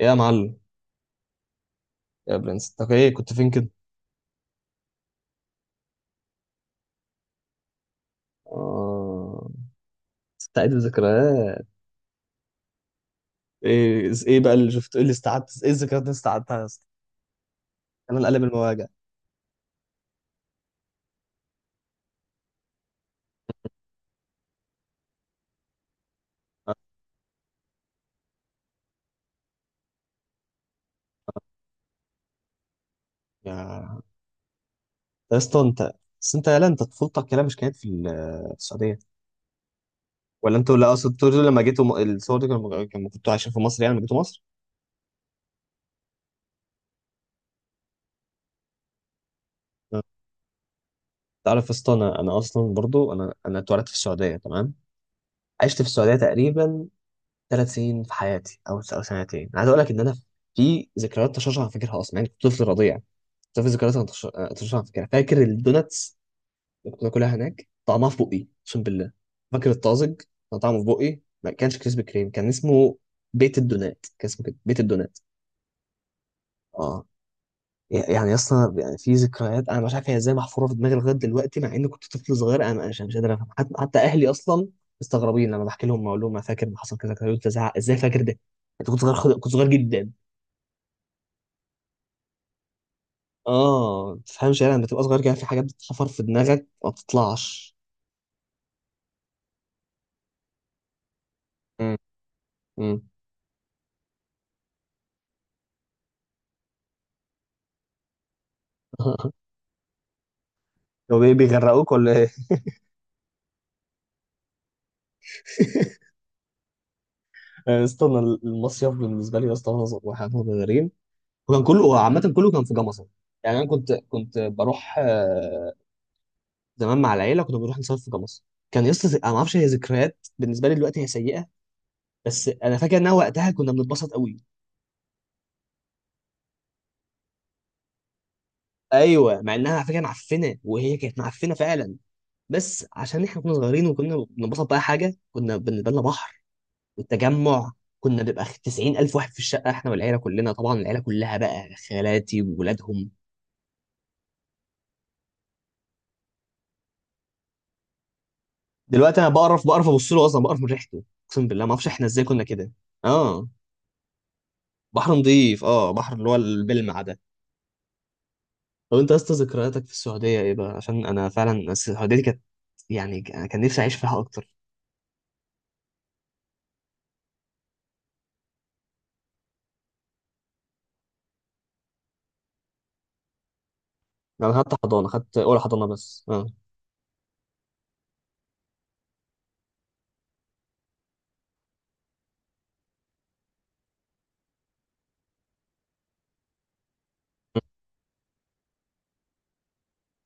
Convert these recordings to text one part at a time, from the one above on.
ايه يا معلم؟ يا برنس، انت ايه كنت فين كده؟ آه، استعيد الذكريات. ايه بقى اللي شفت؟ ايه اللي استعدت؟ ايه الذكريات اللي استعدتها يا اسطى؟ انا القلب المواجع. آه. يا يا اسطى انت، بس انت يالا انت طفولتك كده مش كانت في في السعوديه؟ ولا انتوا، لا اقصد انتوا لما جيتوا الصور دي لما كنتوا عايشين في مصر، يعني لما جيتوا مصر. آه. تعرف يا اسطى، انا اصلا برضو انا اتولدت في السعوديه، تمام. عشت في السعوديه تقريبا 3 سنين في حياتي، او سنتين، عايز اقول لك ان انا في ذكريات طشاش انا فاكرها اصلا. يعني كنت طفل رضيع، بس في ذكريات انا طشاش انا فاكرها. فاكر الدوناتس اللي كنت باكلها هناك، طعمها في بقي، اقسم بالله. فاكر الطازج، كان طعمه في بقي. ما كانش كريسبي كريم، كان اسمه بيت الدونات، كان اسمه كده بيت الدونات. اه. يعني اصلا يعني في ذكريات انا مش عارف هي ازاي محفوره في دماغي لغايه دلوقتي، مع اني كنت طفل صغير، انا مش قادر افهم. حتى اهلي اصلا مستغربين لما بحكي لهم، اقول لهم انا فاكر ما حصل كذا كذا، قلت ازعق ازاي، فاكر ده؟ انت كنت صغير، كنت صغير جدا. اه، ما تفهمش يعني لما بتبقى صغير كده في حاجات بتتحفر في دماغك ما بتطلعش. امم. امم. هو بيغرقوك ولا ايه؟ يا اسطى، انا اصلا المصيف بالنسبه لي يا اسطى وانا واحنا صغيرين، وكان كله عامه كله كان في جمصه. يعني انا كنت بروح زمان مع العيله كنا بنروح نصيف في جمصة. كان يسطا انا ما اعرفش، هي ذكريات بالنسبه لي دلوقتي هي سيئه، بس انا فاكر انها وقتها كنا بنتبسط قوي. ايوه، مع انها على فكره معفنه، وهي كانت معفنه فعلا، بس عشان احنا كنا صغيرين وكنا بنتبسط، بقى حاجه كنا بالنسبه لنا بحر. والتجمع، كنا بنبقى 90 الف واحد في الشقه احنا والعيله كلنا، طبعا العيله كلها بقى، خالاتي وولادهم. دلوقتي انا بقرف، بقرف ابص له اصلا، بقرف من ريحته، اقسم بالله ما اعرفش احنا ازاي كنا كده. اه، بحر نظيف، اه، بحر اللي هو البلمع ده. طب انت يا اسطى، ذكرياتك في السعوديه ايه بقى؟ عشان انا فعلا السعوديه دي كانت، يعني انا كان نفسي اعيش فيها اكتر. انا خدت حضانه، خدت اولى حضانه بس. اه.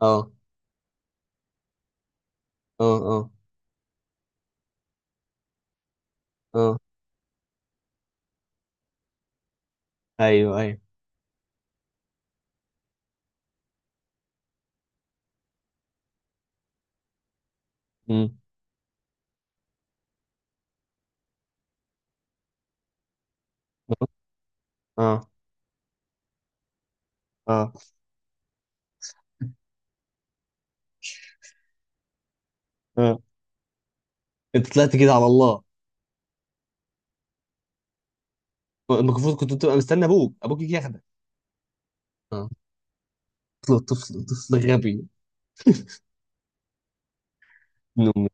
اه. اه. اه. اه. ايوه، ايوه. امم. اه. اه. اه. انت طلعت كده على الله. المفروض كنت تبقى مستني ابوك، يجي ياخدك. اه. طفل طفل طفل غبي. ابن امي.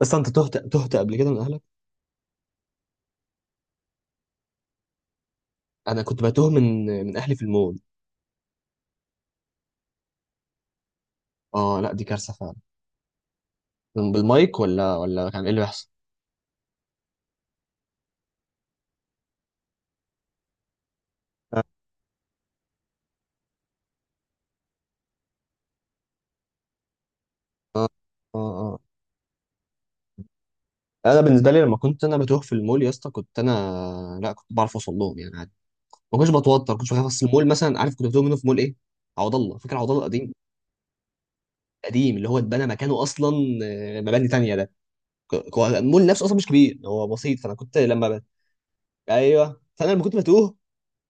بس انت تهت تهت قبل كده من اهلك؟ انا كنت بتوه من اهلي في المول. اه، لا دي كارثه فعلا. بالمايك ولا كان ايه اللي بيحصل؟ اه. اه. اه. انا بالنسبه لي لما كنت انا بتوه في المول يا اسطى، كنت انا، لا كنت بعرف اوصل لهم يعني، عادي. ما كنتش بتوتر، ما كنتش بخاف. اصل المول مثلا عارف كنت بتوه منه في مول ايه؟ عوض الله، فاكر عوض الله القديم؟ قديم اللي هو اتبنى مكانه اصلا، مباني تانية ده. هو المول نفسه اصلا مش كبير، هو بسيط، فانا كنت ايوه، فانا لما كنت بتوه،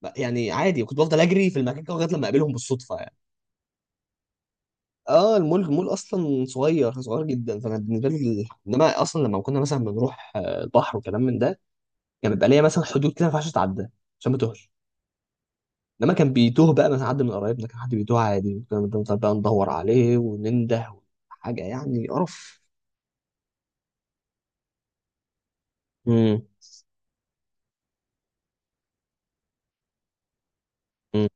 يعني عادي كنت بفضل اجري في المكان كده لغايه لما اقابلهم بالصدفه يعني. اه، المول اصلا صغير صغير جدا، فانا بالنسبه لي انما اصلا لما كنا مثلا بنروح البحر وكلام من ده، كان يعني بيبقى ليا مثلا حدود كده ما ينفعش اتعدى، عشان ما توهش. انما كان بيتوه بقى من حد من قرايبنا، كان حد بيتوه عادي، كنا بنفضل بقى ندور عليه وننده. حاجه يعني قرف. امم. يا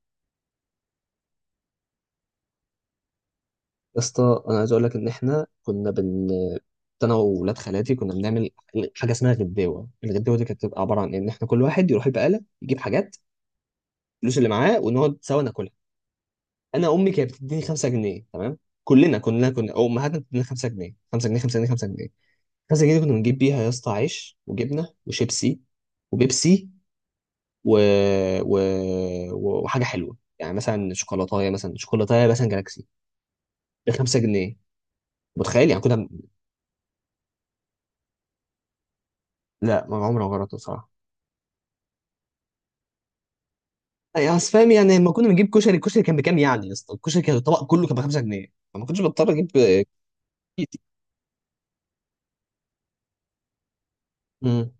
اسطى انا عايز اقول لك ان احنا كنا بن انا وولاد خالاتي كنا بنعمل حاجه اسمها غداوه. الغداوه دي كانت بتبقى عباره عن ان احنا كل واحد يروح البقاله يجيب حاجات، الفلوس اللي معاه، ونقعد سوا ناكلها. انا امي كانت بتديني 5 جنيه، تمام؟ كلنا كنا، او امهاتنا بتدينا 5 جنيه، 5 جنيه، 5 جنيه، 5 جنيه. 5 جنيه دي كنا بنجيب بيها يا اسطى عيش وجبنه وشيبسي وبيبسي و... و... وحاجه حلوه، يعني مثلا شوكولاتايه، مثلا شوكولاتايه مثلا جالاكسي، ب 5 جنيه. متخيل يعني كنا؟ لا، ما عمري ما جربته بصراحه. يعني اصل فاهم يعني لما كنا بنجيب كشري، الكشري كان بكام يعني يا اسطى؟ الكشري كان الطبق كله كان ب 5 جنيه، فما كنتش بضطر اجيب كيتي. امم.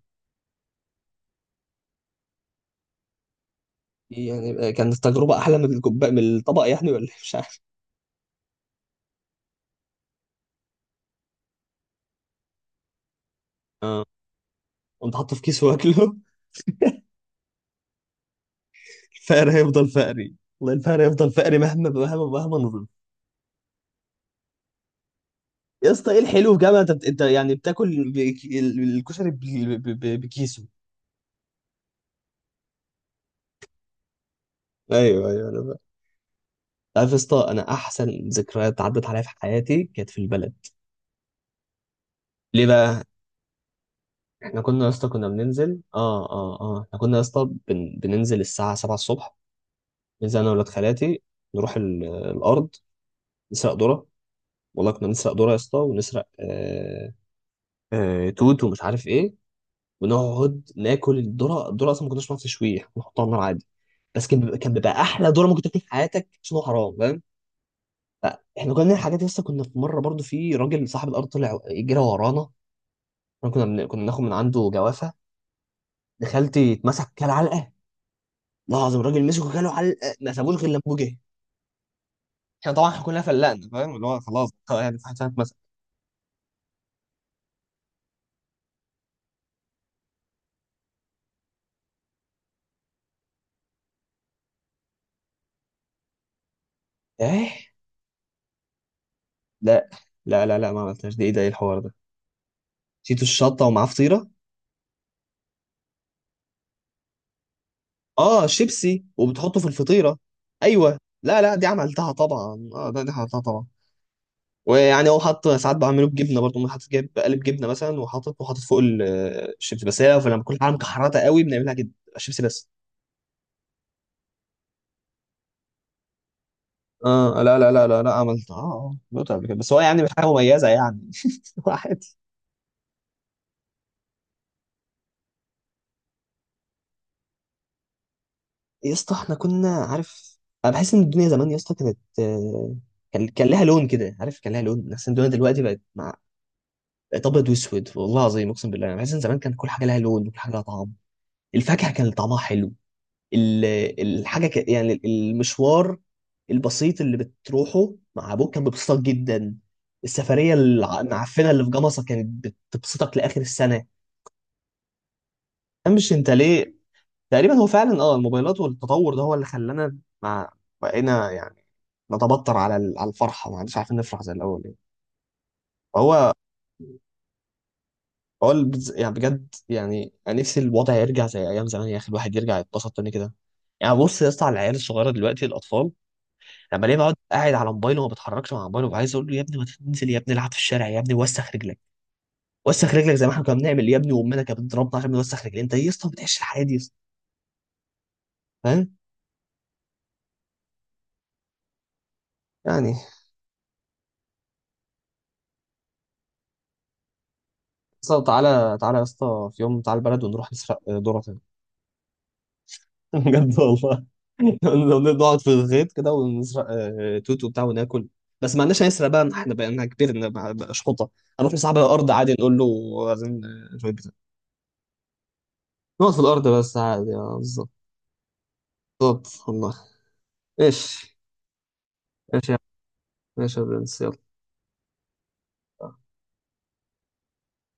يعني كانت التجربه احلى من الكوبايه من الطبق يعني ولا إيه؟ مش عارف. اه، قمت حاطه في كيس واكله. الفقر هيفضل فقري، والله الفقر هيفضل فقري، مهما مهما مهما. يا اسطى، ايه الحلو في جامعه؟ انت يعني بتاكل الكشري بكيسه. ايوه، ايوه، انا بقى عارف يا اسطى، انا احسن ذكريات عدت عليا في حياتي كانت في البلد. ليه بقى؟ احنا كنا يا اسطى كنا بننزل، احنا كنا يا اسطى بننزل الساعه 7 الصبح، ننزل انا وولاد خالاتي، نروح الارض، نسرق ذره. والله كنا بنسرق ذره يا اسطى، ونسرق توت ومش عارف ايه، ونقعد ناكل الذره. الذره اصلا ما كناش بنعرف نشويها، كنا بنحطها على النار عادي، بس كان كان بيبقى احلى ذره ممكن تاكل في حياتك، عشان هو حرام، فاهم؟ احنا كنا بنعمل حاجات لسه. كنا في مره برضو في راجل صاحب الارض طلع جرى ورانا. احنا كنا بناكل من عنده جوافه. دخلتي اتمسك كل علقه، والله العظيم الراجل مسكه كله علقه، ما سابوش غير لما جه. احنا طبعا، احنا كلنا فلقنا، فاهم؟ اللي هو خلاص طبعاً، يعني في حد فاهم اتمسك. ايه؟ لا، لا، لا، لا، ما عملتهاش دي، ايه ده؟ ايه الحوار ده؟ نسيتوا الشطه ومعاه فطيره. اه، شيبسي وبتحطه في الفطيره. ايوه، لا، لا، دي عملتها طبعا، اه، دي عملتها طبعا. ويعني هو حط ساعات بعمله بجبنه برضه، ممكن حاطط جايب قالب جبنه مثلا وحاطط، وحاطط فوق الشيبسي، بس هي لما بكون حاجه مكحرته قوي بنعملها جدا شيبسي بس. اه، لا، لا، لا، لا، لا، عملت، عملت قبل كده، بس هو يعني مش حاجه مميزه يعني. واحد. يا اسطى احنا كنا عارف، انا بحس ان الدنيا زمان يا اسطى كانت، كان لها لون كده، عارف، كان لها لون. بحس ان الدنيا دلوقتي بقت مع، بقت ابيض واسود والله العظيم، اقسم بالله انا بحس ان زمان كان كل حاجه لها لون وكل حاجه لها طعم. الفاكهه كان طعمها حلو. ال- الحاجه يعني المشوار البسيط اللي بتروحه مع ابوك كان بيبسطك جدا. السفريه المعفنه اللي في جمصه كانت بتبسطك لاخر السنه. مش انت ليه؟ تقريبا هو فعلا، اه، الموبايلات والتطور ده هو اللي خلانا مع، بقينا يعني نتبطر على على الفرحه، ما عادش عارفين نفرح زي الاول يعني. فهو هو يعني بجد يعني، انا نفسي الوضع يرجع زي ايام زمان يا اخي، الواحد يرجع يتبسط تاني كده. يعني بص يا اسطى على العيال الصغيره دلوقتي، الاطفال لما ليه بقعد قاعد على موبايله وما بتحركش مع موبايله، عايز اقول له يا ابني ما تنزل يا ابني العب في الشارع يا ابني، وسخ رجلك. وسخ رجلك زي ما احنا كنا بنعمل يا ابني، وامنا كانت بتضربنا عشان نوسخ رجلنا. انت إيه يا اسطى؟ ما بتعيش الحياه دي يا اسطى؟ فاهم؟ يعني يا اسطى، تعالى تعالى يا اسطى في يوم، تعالى البلد ونروح نسرق ذره. بجد والله. لو نقعد في الغيط كده ونسرق توت وبتاع وناكل. بس ما عندناش نسرق بقى، احنا بقينا كبير، بقى شحطه. هنروح نصعب على الارض عادي، نقول له عايزين شويه بيتزا. نقعد في الارض بس عادي، بالظبط. بالظبط والله. ايش؟ ايش يا، ايش يا برنس، يلا.